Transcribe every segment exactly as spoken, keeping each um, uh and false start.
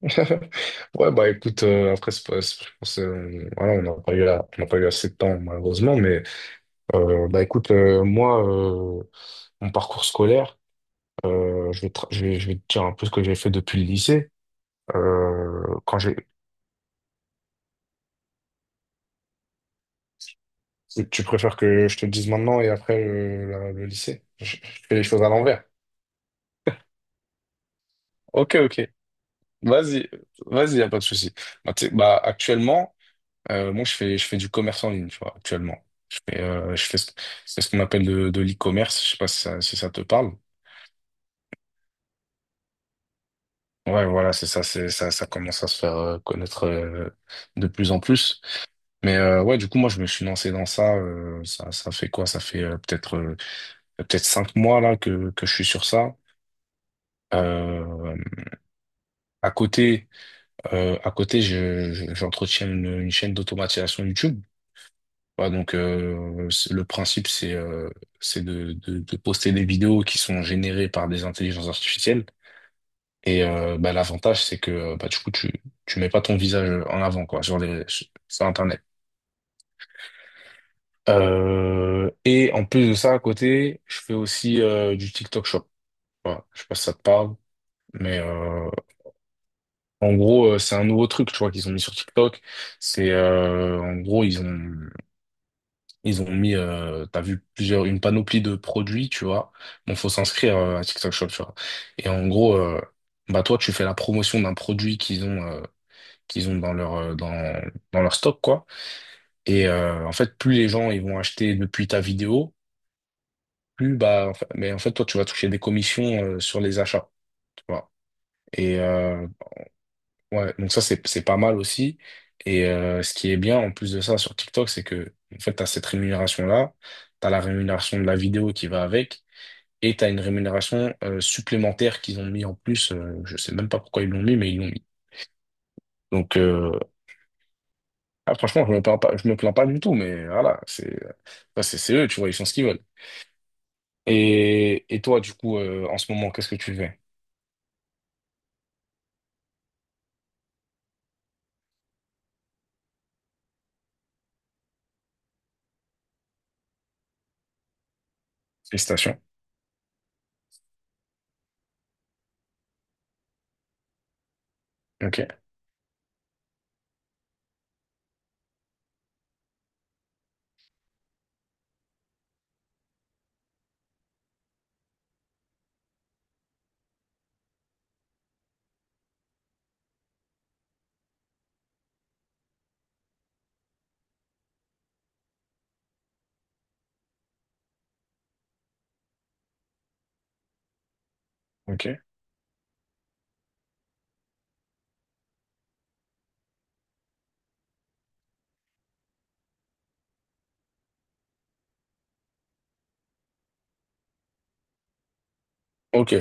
Ouais, bah écoute, euh, après, c'est pas- c'est- je pense, euh, voilà, on n'a pas eu, à- on n'a pas eu assez de temps, malheureusement, mais euh, bah écoute, euh, moi, euh, mon parcours scolaire, euh, je vais te, je vais, je vais te dire un peu ce que j'ai fait depuis le lycée. Euh, quand j'ai, Tu préfères que je te le dise maintenant et après euh, la- le lycée? Je, je fais les choses à l'envers. Ok, ok. Vas-y, vas-y, y a pas de souci. Bah, tu sais, bah, actuellement. Euh, moi, je fais, je fais du commerce en ligne, tu vois, actuellement. Je fais, euh, je fais, ce- c'est ce qu'on appelle de, de l'e-commerce. Je sais pas si ça, si ça te parle. Ouais, voilà, c'est ça, c'est ça, ça commence à se faire euh, connaître euh, de plus en plus. Mais euh, ouais, du coup, moi, je me suis lancé dans ça. Euh, ça, ça fait quoi? Ça fait euh, peut-être euh, peut-être cinq mois là que que je suis sur ça. Euh, à côté, euh, à côté, je, je- j'entretiens une, une chaîne d'automatisation YouTube. Ouais, donc euh, c'est- le principe c'est euh, c'est de, de, de poster des vidéos qui sont générées par des intelligences artificielles et euh, bah, l'avantage c'est que euh, bah, du coup tu tu mets pas ton visage en avant quoi sur les sur sur Internet. Euh, et en plus de ça à côté je fais aussi euh, du TikTok Shop. Voilà, je sais pas si ça te parle mais euh, en gros euh, c'est un nouveau truc tu vois qu'ils ont mis sur TikTok. C'est euh, En gros ils ont Ils ont mis, euh, t'as vu plusieurs, une panoplie de produits, tu vois. Bon, faut s'inscrire euh, à TikTok Shop, tu vois. Et en gros, euh, bah toi, tu fais la promotion d'un produit qu'ils ont, euh, qu'ils ont dans leur, euh, dans, dans leur stock, quoi. Et euh, en fait, plus les gens ils vont acheter depuis ta vidéo, plus bah, en fait- mais en fait, toi, tu vas toucher des commissions euh, sur les achats, tu vois. Et euh, ouais, donc ça, c'est c'est pas mal aussi. Et euh, ce qui est bien en plus de ça sur TikTok, c'est que en fait, t'as cette rémunération-là, t'as la rémunération de la vidéo qui va avec. Et tu as une rémunération euh, supplémentaire qu'ils ont mis en plus. Euh, je sais même pas pourquoi ils l'ont mis, mais ils l'ont mis. Donc, euh, ah, franchement, je me plains pas, je me plains pas du tout, mais voilà, c'est ça, c'est c'est eux, tu vois, ils font ce qu'ils veulent. Et, et toi, du coup, euh, en ce moment, qu'est-ce que tu fais? Félicitations. Ok, ok, ok.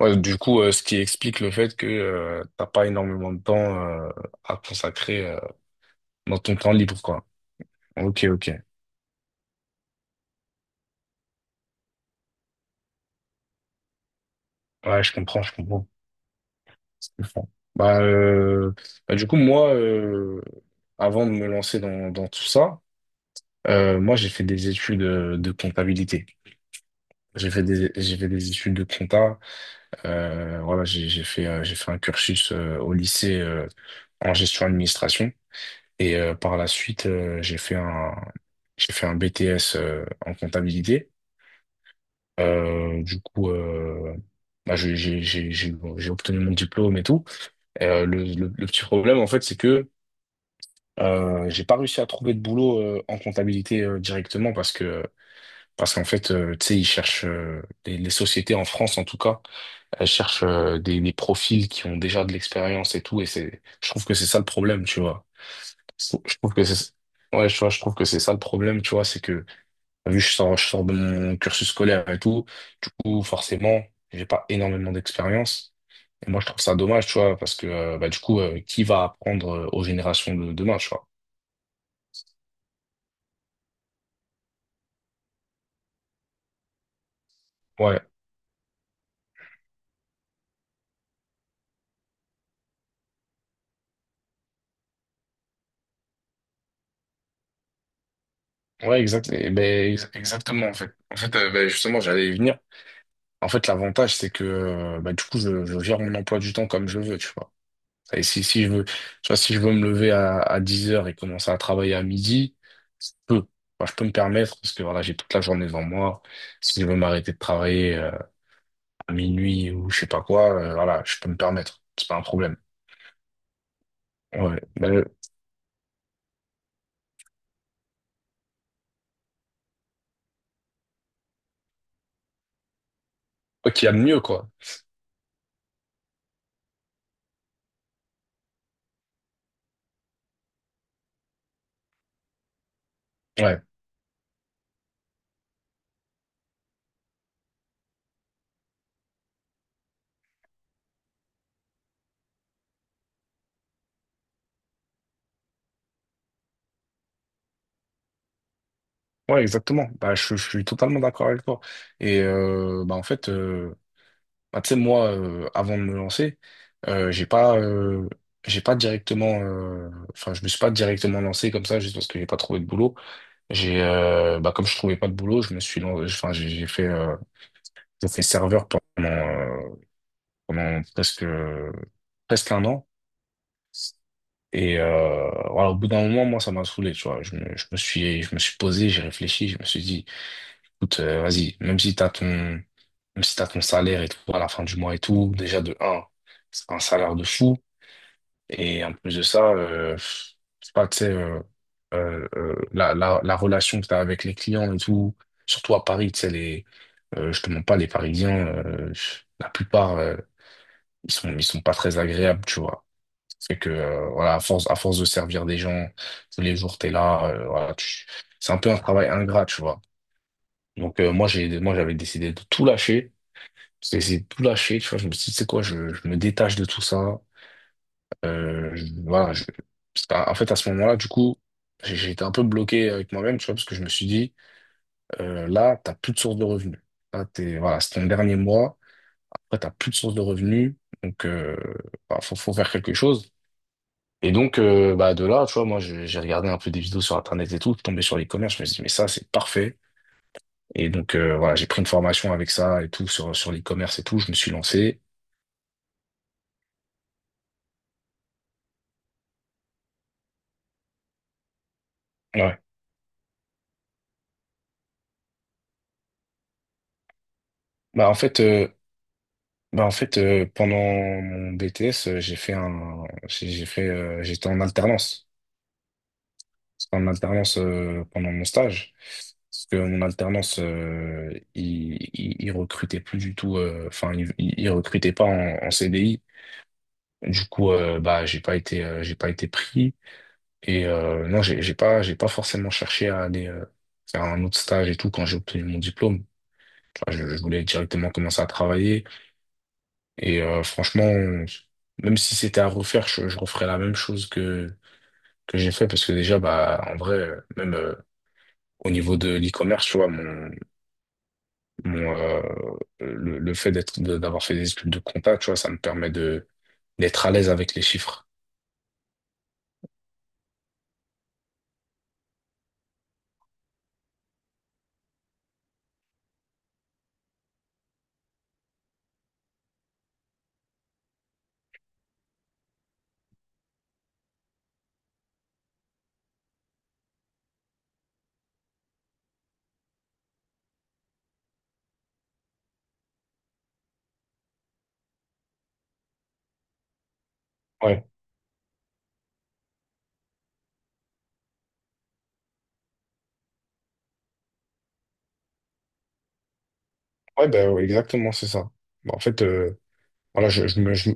Ouais, du coup, euh, ce qui explique le fait que euh, t'as pas énormément de temps euh, à consacrer euh, dans ton temps libre, quoi. Ok, ok. Ouais, je comprends, je comprends. Je comprends. Bah, euh, bah, du coup, moi, euh, avant de me lancer dans, dans tout ça, euh, moi, j'ai fait des études euh, de comptabilité. J'ai fait des, j'ai fait des études de compta. Euh, voilà, j'ai, j'ai fait, euh, j'ai fait un cursus euh, au lycée euh, en gestion administration. Et euh, par la suite, euh, j'ai fait un, j'ai fait un B T S euh, en comptabilité. Euh, du coup, euh, bah, j'ai j'ai- j'ai- j'ai- j'ai obtenu mon diplôme et tout. Euh, le, le, le petit problème, en fait, c'est que Euh, j'ai pas réussi à trouver de boulot euh, en comptabilité euh, directement parce que parce qu'en fait euh, tu sais ils cherchent euh, les, les sociétés en France en tout cas elles cherchent euh, des, des profils qui ont déjà de l'expérience et tout, et c'est, je trouve que c'est ça le problème, tu vois, je trou- je trouve que c'est, ouais, tu vois, je trouve que c'est ça le problème, tu vois, c'est que vu que je sors je sors de mon cursus scolaire et tout, du coup forcément j'ai pas énormément d'expérience, et moi je trouve ça dommage, tu vois, parce que euh, bah du coup euh, qui va apprendre euh, aux générations de demain, tu vois. Ouais. Ouais, exact. Et ben, ex- exactement, en fait. En fait, euh, ben, justement, j'allais y venir. En fait, l'avantage, c'est que euh, ben, du coup, je, je gère mon emploi du temps comme je veux, tu vois. Et si, si je veux, tu vois, si je veux me lever à, à dix heures et commencer à travailler à midi, je peux. Enfin, je peux me permettre parce que voilà, j'ai toute la journée devant moi. Si je veux m'arrêter de travailler euh, à minuit ou je sais pas quoi, euh, voilà, je peux me permettre. C'est pas un problème. Ouais. Ben, ok, il y a mieux, quoi. Ouais. Ouais, exactement. Bah, je, je suis totalement d'accord avec toi. Et euh, bah, en fait, euh, bah, tu sais, moi, euh, avant de me lancer, euh, j'ai pas, euh, j'ai pas directement, euh, enfin, je me suis pas directement lancé comme ça juste parce que j'ai pas trouvé de boulot. J'ai, euh, bah, comme je trouvais pas de boulot, je me suis, lan- enfin, j'ai j'ai fait, euh, j'ai fait serveur pendant, euh, pendant presque, presque un an. Et euh, voilà, au bout d'un moment, moi, ça m'a saoulé, tu vois. Je me, je me suis, je me suis posé, j'ai réfléchi, je me suis dit, écoute, euh, vas-y, même si t'as ton, même si t'as ton salaire et tout à la fin du mois et tout, déjà de un, c'est pas un salaire de fou. Et en plus de ça, euh, je sais pas, tu sais, euh, euh, euh, la, la, la relation que tu as avec les clients et tout, surtout à Paris, tu sais, les, euh, je te mens pas, les Parisiens, euh, la plupart, euh, ils sont, ils sont pas très agréables, tu vois. C'est que, euh, voilà, à force, à force de servir des gens, tous les jours, t'es là, euh, voilà, tu- c'est un peu un travail ingrat, tu vois. Donc, euh, moi, j'ai, moi, j'avais décidé de tout lâcher. J'ai essayé de tout lâcher, tu vois. Je me suis dit, c'est quoi, je, je me détache de tout ça. Euh, je- voilà, je- parce qu'en- en fait, à ce moment-là, du coup, j'ai j'ai été un peu bloqué avec moi-même, tu vois, parce que je me suis dit, euh, là, t'as plus de source de revenus. Là, t'es, voilà, c'est ton dernier mois. Après, t'as plus de source de revenus. Donc, euh, bah, faut, faut faire quelque chose. Et donc, euh, bah, de là, tu vois, moi, je- j'ai regardé un peu des vidéos sur Internet et tout, tombé sur l'e-commerce. Je me suis dit, mais ça, c'est parfait. Et donc, euh, voilà, j'ai pris une formation avec ça et tout, sur, sur l'e-commerce et tout. Je me suis lancé. Ouais. Bah, en fait, euh, Bah en fait, euh, pendant mon B T S, euh, j'ai fait un, j'ai j'ai fait, euh, j'étais en alternance. J'étais en alternance euh, pendant mon stage, parce que mon alternance, euh, il, il, il recrutait plus du tout. euh, Enfin, il, il il recrutait pas en, en C D I. Du coup, euh, bah j'ai pas été, euh, j'ai pas été pris. Et euh, non, j'ai j'ai pas, j'ai pas forcément cherché à aller euh, faire un autre stage et tout quand j'ai obtenu mon diplôme. Enfin, je, je voulais directement commencer à travailler. Et euh, franchement, même si c'était à refaire, je, je referais la même chose que que j'ai fait parce que déjà, bah, en vrai, euh, même euh, au niveau de l'e-commerce, tu vois, mon, mon euh, le, le fait d'être de- d'avoir fait des études de compta, tu vois, ça me permet de d'être à l'aise avec les chiffres. Ouais, ouais, bah, ouais, exactement, c'est ça. Bah, en fait, euh, voilà, je, je me, je me-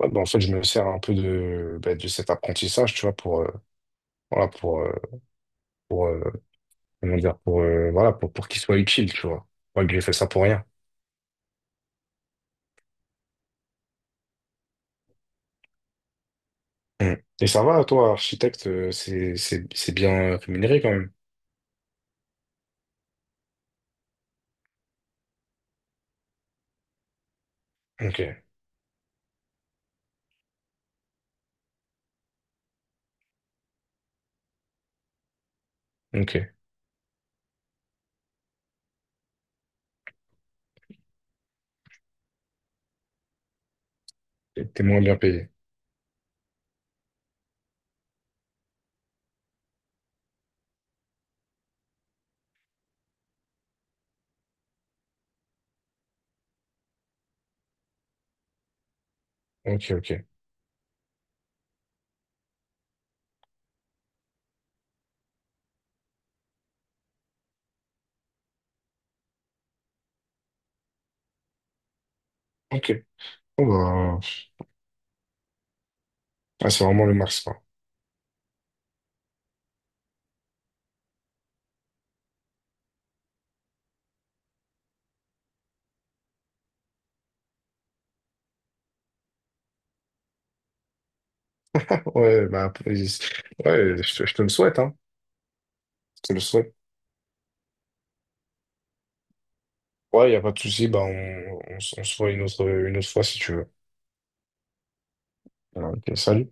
ouais, bah, en fait, je me sers un peu de bah, de cet apprentissage, tu vois, pour euh, voilà, pour euh, pour euh, comment dire, pour euh, voilà, pour pour qu'il soit utile, tu vois. Pas que j'ai fait ça pour rien. Mm. Et ça va, toi, architecte, euh, c'est, c'est, c'est bien rémunéré quand même. Ok, ok. T'es t'es moins bien payé. Ok, ok. Ok. Bon, bah, ah, c'est vraiment le max, quoi. Ouais, bah, après, c'est- ouais, je te, je te le souhaite, hein. Je te le souhaite. Ouais, y a pas de souci, bah, on, on, s- on se voit une autre, une autre fois si tu veux. Ouais, Ok, salut.